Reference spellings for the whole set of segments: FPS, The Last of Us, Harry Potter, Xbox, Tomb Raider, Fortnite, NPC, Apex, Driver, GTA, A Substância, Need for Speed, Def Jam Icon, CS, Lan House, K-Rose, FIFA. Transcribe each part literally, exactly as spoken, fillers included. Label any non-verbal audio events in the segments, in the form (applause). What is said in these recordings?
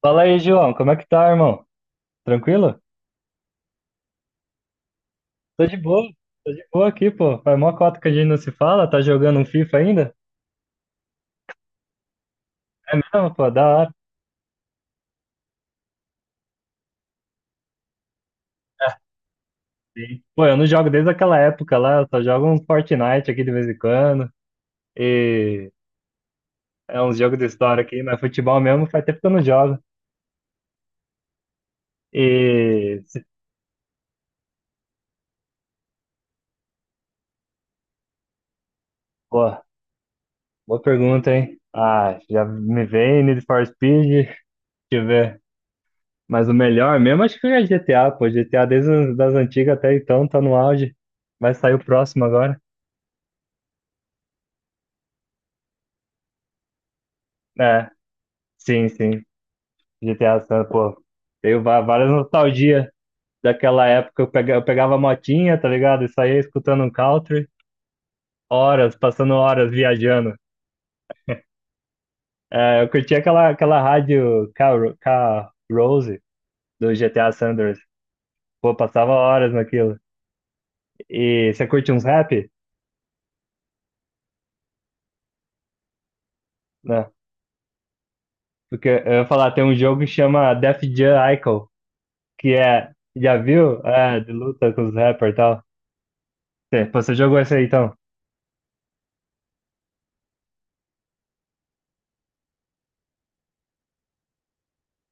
Fala aí, João, como é que tá, irmão? Tranquilo? Tô de boa, tô de boa aqui, pô. Faz mó cota que a gente não se fala, tá jogando um FIFA ainda? É mesmo, pô, da hora. Sim. Pô, eu não jogo desde aquela época lá, eu só jogo um Fortnite aqui de vez em quando, e é uns jogos de história aqui, mas futebol mesmo faz tempo que eu não jogo. E, se- Pô, boa pergunta, hein? Ah, já me veio Need for Speed, deixa eu ver. Mas o melhor mesmo acho que é G T A, pô. G T A desde as das antigas até então tá no auge. Vai sair o próximo agora. É, sim, sim. G T A, San- pô. Tenho va- várias nostalgias daquela época. Eu pega- eu pegava a motinha, tá ligado? E saía escutando um country. Horas, passando horas viajando. É, eu curtia aquela, aquela rádio K-Ro- K-Rose do G T A Sanders. Pô, passava horas naquilo. E você curte uns rap? Né? Porque eu ia falar, tem um jogo que chama Def Jam Icon. Que é. Já viu? É, de luta com os rappers e tal. Cê- pô, Você jogou isso aí então?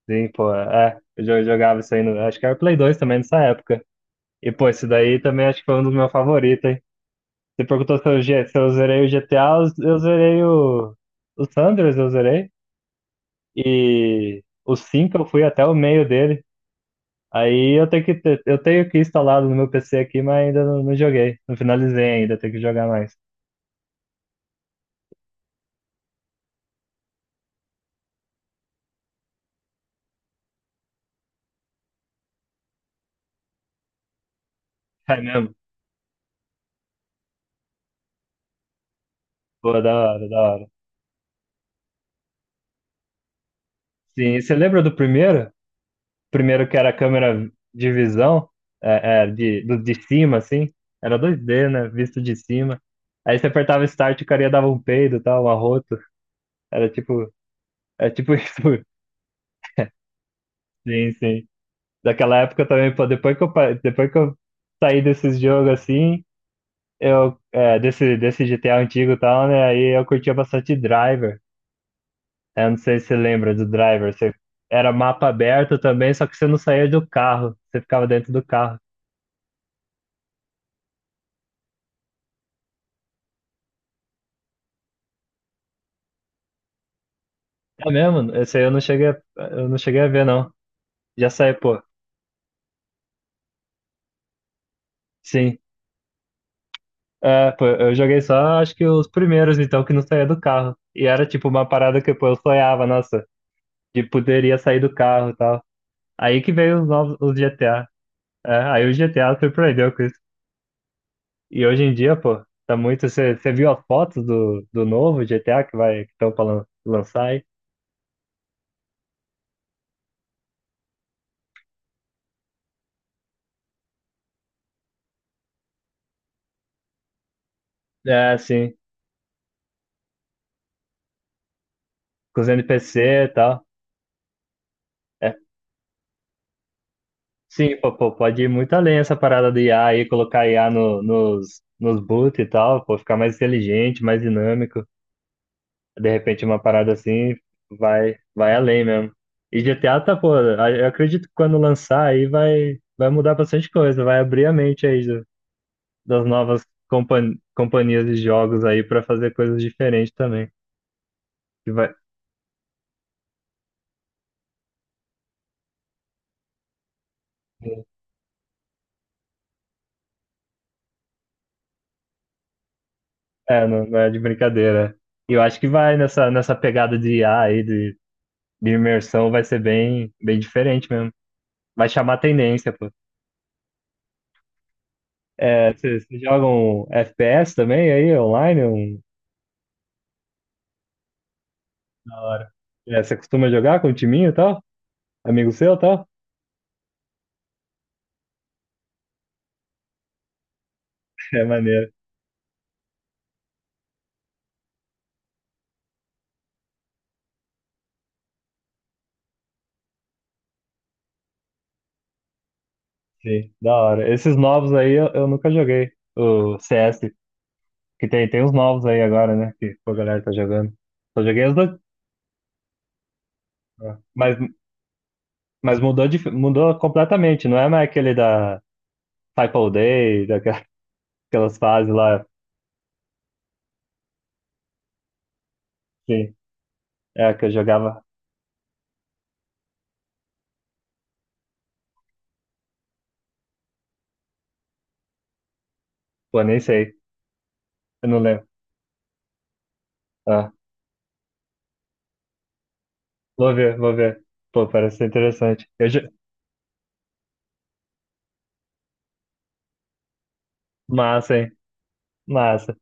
Sim, pô. É, eu jo- jogava isso aí no. Acho que era Play dois também nessa época. E, pô, isso daí também acho que foi um dos meus favoritos, hein? Você perguntou se eu, ge- se eu zerei o G T A, eu eu zerei o. O Sanders eu zerei. E o cinco eu fui até o meio dele. Aí eu tenho que ter- eu tenho que instalado no meu P C aqui, mas ainda não, não joguei. Não finalizei ainda, tenho que jogar mais. É mesmo? Pô, da hora, da hora. Sim, e você lembra do primeiro? Primeiro que era a câmera de visão, é, é, de, do, de cima, assim, era dois D, né? Visto de cima. Aí você apertava Start e o cara dava um peido e tal, um arroto. Era tipo, é tipo (laughs) isso. Sim, sim. Daquela época também, pô, depois que eu, pa- depois que eu saí desses jogos assim, eu, é, desse, desse G T A antigo e tal, né? Aí eu curtia bastante Driver. Eu não sei se você lembra do Driver. Você, era mapa aberto também, só que você não saía do carro. Você ficava dentro do carro. É mesmo? Esse aí eu não cheguei a, eu não cheguei a ver, não. Já saiu, pô. Sim. É, pô, eu joguei só, acho que os primeiros, então, que não saía do carro. E era, tipo, uma parada que, pô, eu sonhava, nossa, de poderia sair do carro e tal. Aí que veio os novos, os G T A. É, aí o G T A surpreendeu com isso. E hoje em dia, pô, tá muito... Você viu as fotos do, do novo G T A que vai, que estão pra lan- lançar aí? É, sim. Com os N P C e tal. É, sim, pô, pô, pode ir muito além essa parada do I A aí, colocar I A no, nos, nos boot e tal, pô, ficar mais inteligente, mais dinâmico. De repente uma parada assim vai, vai além mesmo. E G T A tá, pô, a- eu acredito que quando lançar aí vai, vai mudar bastante coisa, vai abrir a mente aí do- das novas compan companhias de jogos aí pra fazer coisas diferentes também. Que vai, é, não, não é de brincadeira. E eu acho que vai nessa, nessa pegada de I A aí, de imersão vai ser bem, bem diferente mesmo. Vai chamar tendência, pô. É, vocês vocês jogam F P S também aí, online? Um... Da hora. É, você costuma jogar com o timinho e tal? Amigo seu e tal? (laughs) É maneiro, sim, da hora. Esses novos aí eu, eu nunca joguei. O C S, que tem, tem uns novos aí agora, né? Que a galera tá jogando. Só joguei os dois. Mas, mas mudou, de, mudou completamente, não é mais aquele da Type All Day, daquelas (laughs) fases lá, assim, é, que eu jogava. Pô, nem sei. Eu não lembro. Ah, vou ver, vou ver. Pô, parece ser interessante. Eu já... Massa, hein? Massa.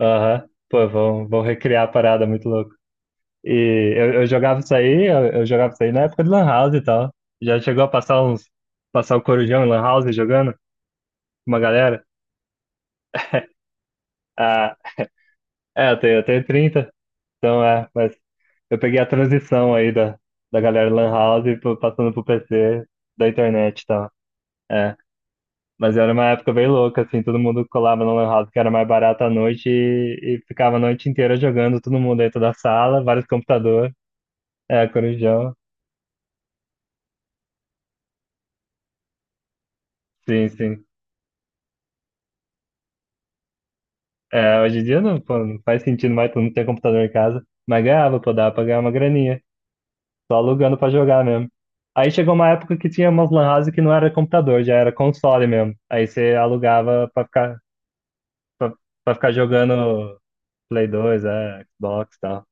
Aham. Pô, vão, vão recriar a parada, muito louco. E eu, eu jogava isso aí, eu, eu jogava isso aí na época de Lan House e tal. Já chegou a passar uns. Passar o Corujão em Lan House jogando? Com uma galera? Ah, é, eu tenho, eu tenho trinta, então é, mas eu peguei a transição aí da, da galera Lan House pro- passando pro P C da internet e tal. É. Mas era uma época bem louca, assim, todo mundo colava no lan house que era mais barato à noite e, e ficava a noite inteira jogando, todo mundo dentro da sala, vários computadores, é, corujão, sim, sim. É, hoje em dia não, pô, não faz sentido mais, todo mundo ter computador em casa, mas ganhava, pô, dava pra ganhar uma graninha, só alugando pra jogar mesmo. Aí chegou uma época que tinha umas lan house que não era computador, já era console mesmo, aí você alugava pra ficar, pra, pra ficar jogando Play dois, é, Xbox e tal.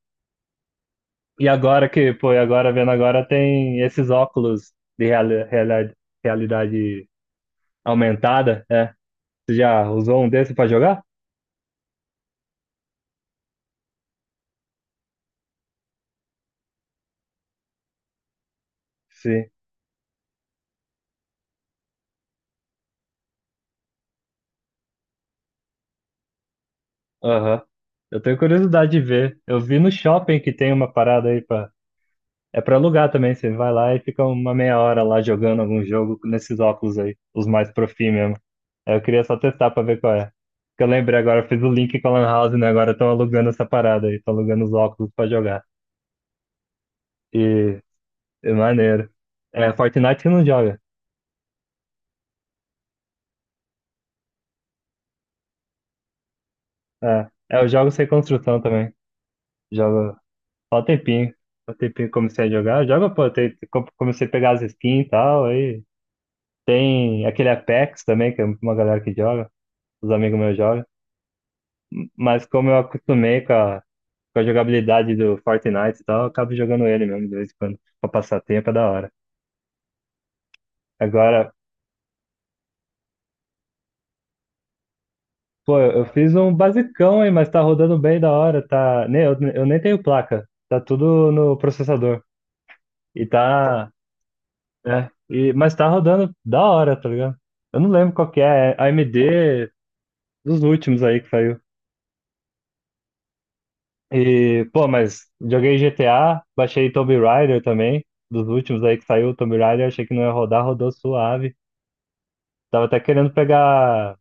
E agora que, pô, e agora vendo agora tem esses óculos de reali- reali- realidade aumentada, é. Você já usou um desse pra jogar? Sim. Aham. Eu tenho curiosidade de ver. Eu vi no shopping que tem uma parada aí pra. É pra alugar também, você vai lá e fica uma meia hora lá jogando algum jogo nesses óculos aí, os mais profi mesmo. Aí eu queria só testar pra ver qual é. Que eu lembrei agora, eu fiz o link com a Lan House, né? Agora estão alugando essa parada aí, estão alugando os óculos pra jogar. E é maneiro. É, Fortnite que não joga. É, é, eu jogo sem construção também. Jogo só um tempinho. Um tempinho que comecei a jogar. Joga, pô, tem- co- comecei a pegar as skins e tal. Aí tem aquele Apex também, que é uma galera que joga. Os amigos meus jogam. Mas como eu acostumei com a, com a jogabilidade do Fortnite e tal, eu acabo jogando ele mesmo de vez em quando. Pra passar tempo é da hora. Agora, pô, eu fiz um basicão aí, mas tá rodando bem da hora. Tá... Nem, eu, eu nem tenho placa. Tá tudo no processador. E tá. É, e, mas tá rodando da hora, tá ligado? Eu não lembro qual que é, é A M D dos últimos aí que saiu. E, pô, mas joguei G T A, baixei Tomb Raider também, dos últimos aí que saiu, o Tomb Raider, achei que não ia rodar, rodou suave. Tava até querendo pegar.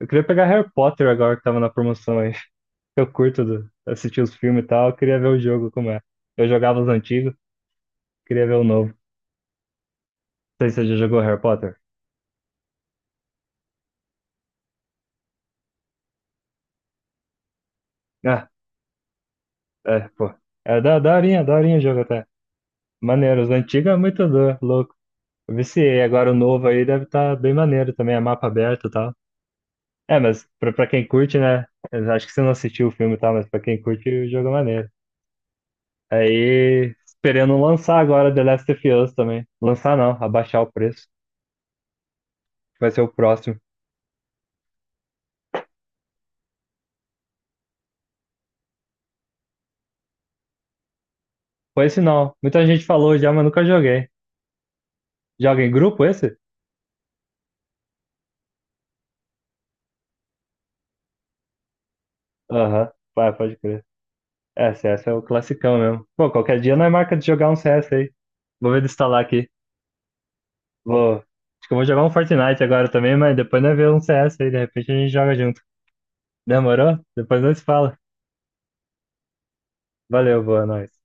Eu queria pegar Harry Potter agora que tava na promoção aí. (laughs) Eu curto do- assistir os filmes e tal, eu queria ver o jogo como é. Eu jogava os antigos, queria ver o novo. Não sei se você já jogou Harry Potter. Ah, é, pô. É da daorinha, daorinha o jogo até. Maneiro, os antigos é muito do- louco. Eu viciei, agora o novo aí deve estar bem maneiro também, é mapa aberto e tal. É, mas pra, pra quem curte, né? Eu acho que você não assistiu o filme e tal, mas pra quem curte, o jogo é maneiro. Aí, esperando lançar agora The Last of Us também. Lançar não, abaixar o preço, que vai ser o próximo. Foi esse não, muita gente falou já, mas nunca joguei. Joga em grupo esse? Aham, vai, pode crer. É, C S é o classicão mesmo. Pô, qualquer dia nós marca de jogar um C S aí. Vou ver de instalar aqui. Vou. Acho que eu vou jogar um Fortnite agora também, mas depois nós vemos um C S aí, de repente a gente joga junto. Demorou? Depois nós se fala. Valeu, boa noite.